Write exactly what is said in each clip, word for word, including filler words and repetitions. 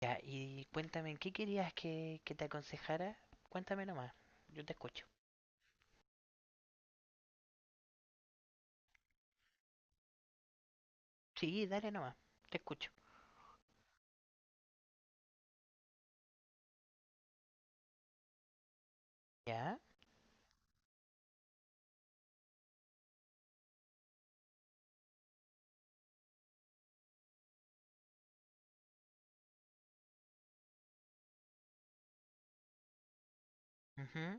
Ya, y cuéntame, ¿en ¿qué querías que, que te aconsejara? Cuéntame nomás, yo te escucho. Sí, dale nomás, te escucho. Ya, ujú,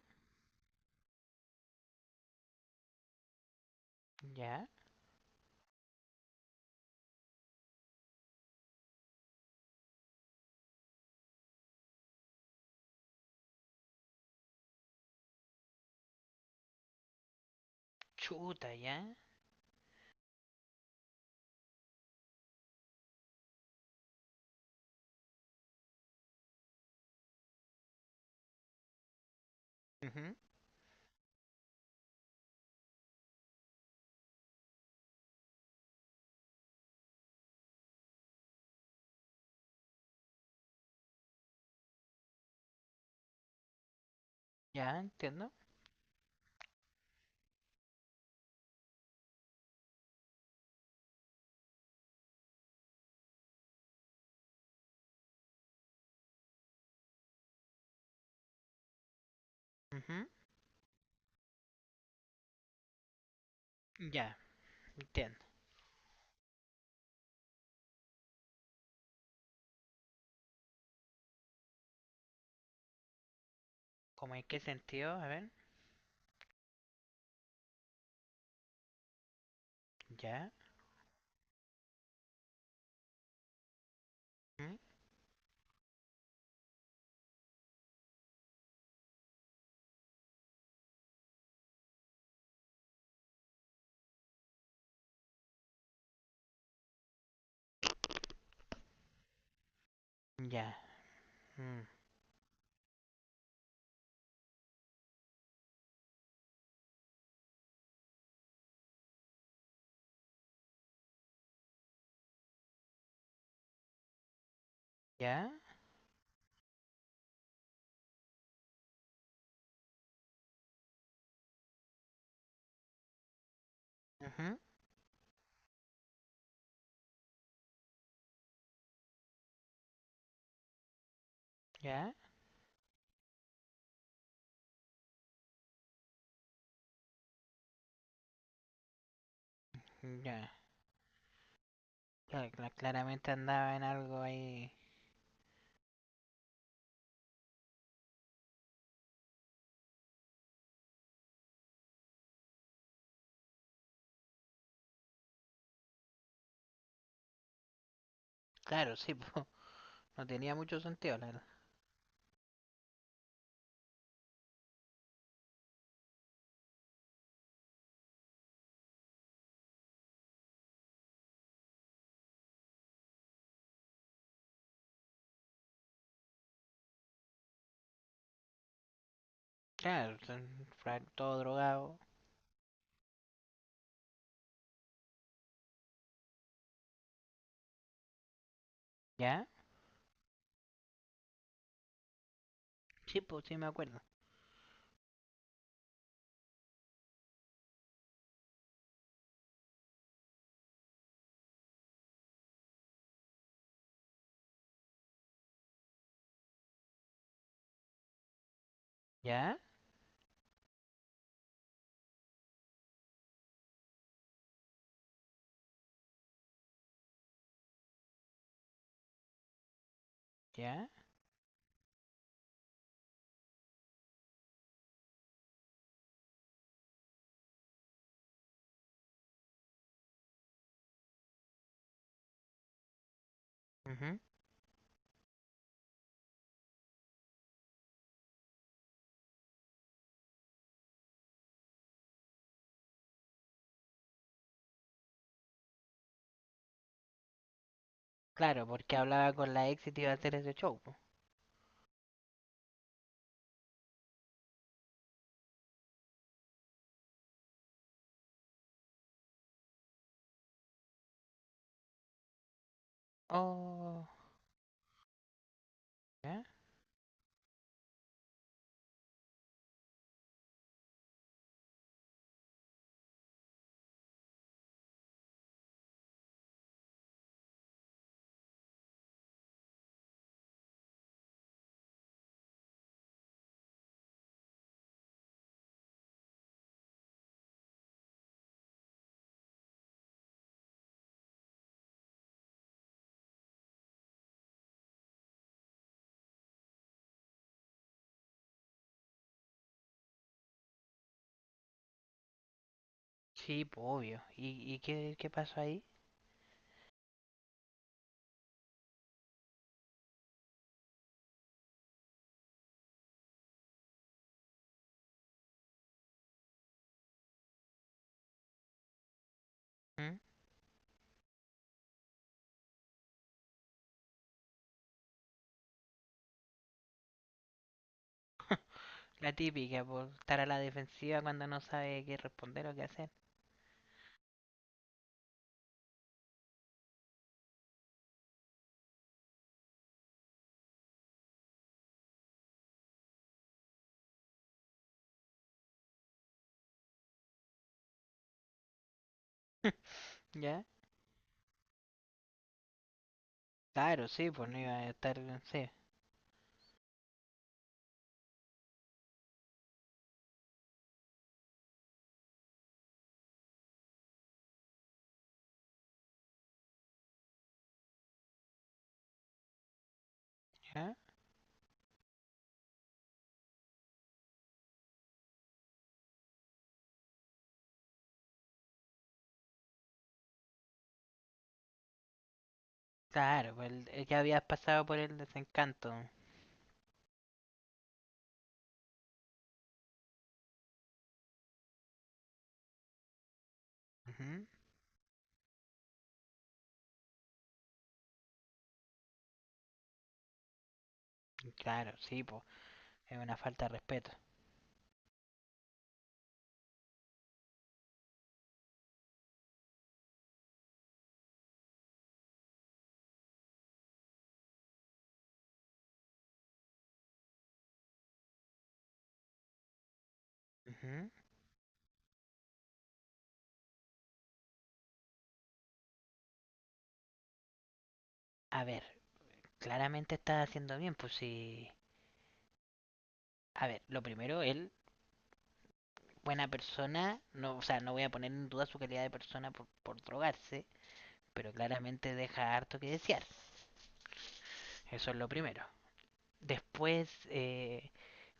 ya, chuta, ya, ujú, ya, entiendo, ujú, ya, entiendo. ¿Cómo en qué sentido? A ver, ya, ujú, ya, mm, ya, ujú, ya, ya. Cla- cla- claramente andaba en algo ahí. Claro, sí, po, no tenía mucho sentido, la verdad. Claro, son fra- todo drogado. ¿Ya? Sí, pues sí me acuerdo. Ya, ya, ujú. Claro, porque hablaba con la ex y te iba a hacer ese show, po. Oh, ya. Sí, po, obvio. ¿Y, y qué, qué pasó ahí? ¿Mm? La típica, por estar a la defensiva cuando no sabe qué responder o qué hacer. ¿Ya? Claro, sí, pues no iba a estar. Sí, ¿ya? Claro, pues el- el ya habías pasado por el desencanto. Ujú, claro, sí, pues es una falta de respeto. Ujú. A ver, claramente estás haciendo bien, pues sí. A ver, lo primero, él buena persona, no, o sea, no voy a poner en duda su calidad de persona por, por drogarse, pero claramente deja harto que desear. Eso es lo primero. Después, eh,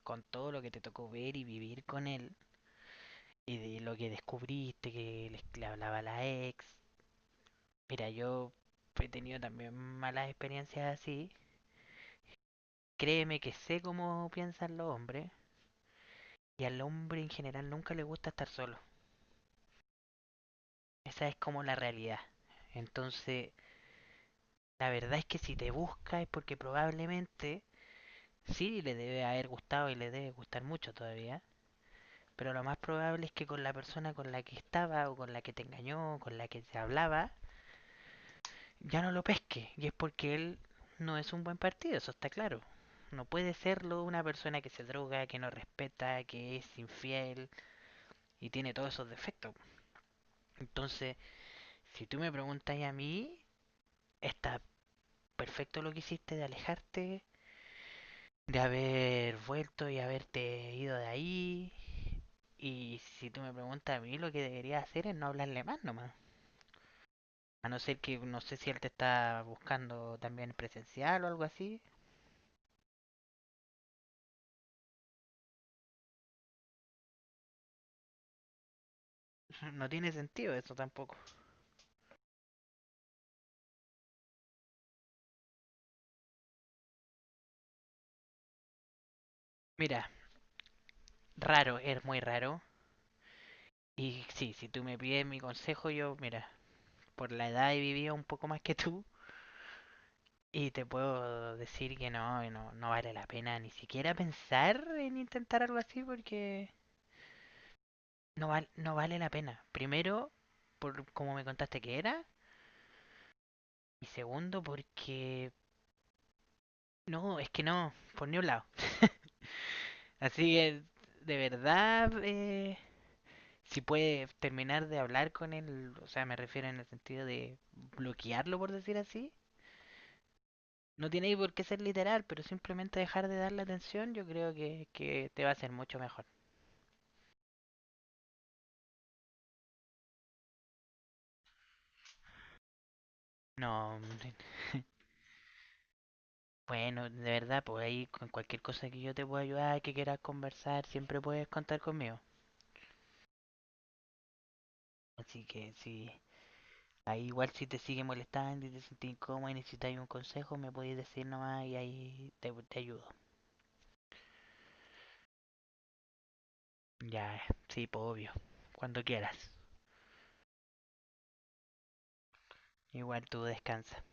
con todo lo que te tocó ver y vivir con él, y de lo que descubriste, que le, le hablaba la ex, mira, yo he tenido también malas experiencias así. Créeme que sé cómo piensan los hombres, y al hombre en general nunca le gusta estar solo. Esa es como la realidad. Entonces, la verdad es que si te busca es porque probablemente sí le debe haber gustado y le debe gustar mucho todavía, pero lo más probable es que con la persona con la que estaba o con la que te engañó o con la que se hablaba, ya no lo pesque. Y es porque él no es un buen partido, eso está claro. No puede serlo una persona que se droga, que no respeta, que es infiel y tiene todos esos defectos. Entonces, si tú me preguntas a mí, está perfecto lo que hiciste de alejarte, de haber vuelto y haberte ido de ahí. Y si tú me preguntas a mí, lo que debería hacer es no hablarle más nomás. A no ser que, no sé si él te está buscando también presencial o algo así. No tiene sentido eso tampoco. Mira, raro, es muy raro. Y sí, si tú me pides mi consejo, yo, mira, por la edad he vivido un poco más que tú. Y te puedo decir que no, no, no vale la pena ni siquiera pensar en intentar algo así porque no, val- no vale la pena. Primero, por como me contaste que era. Y segundo, porque... No, es que no, por ni un lado. Así que, de verdad, eh, si puede terminar de hablar con él, o sea, me refiero en el sentido de bloquearlo, por decir así. No tiene por qué ser literal, pero simplemente dejar de darle atención, yo creo que, que te va a hacer mucho mejor. No, bueno, de verdad, pues ahí con cualquier cosa que yo te pueda ayudar, que quieras conversar, siempre puedes contar conmigo. Así que si ahí igual si te sigue molestando y te sentís incómodo y necesitáis un consejo, me podéis decir nomás y ahí te, te ayudo. Ya, sí, pues obvio, cuando quieras. Igual tú descansa.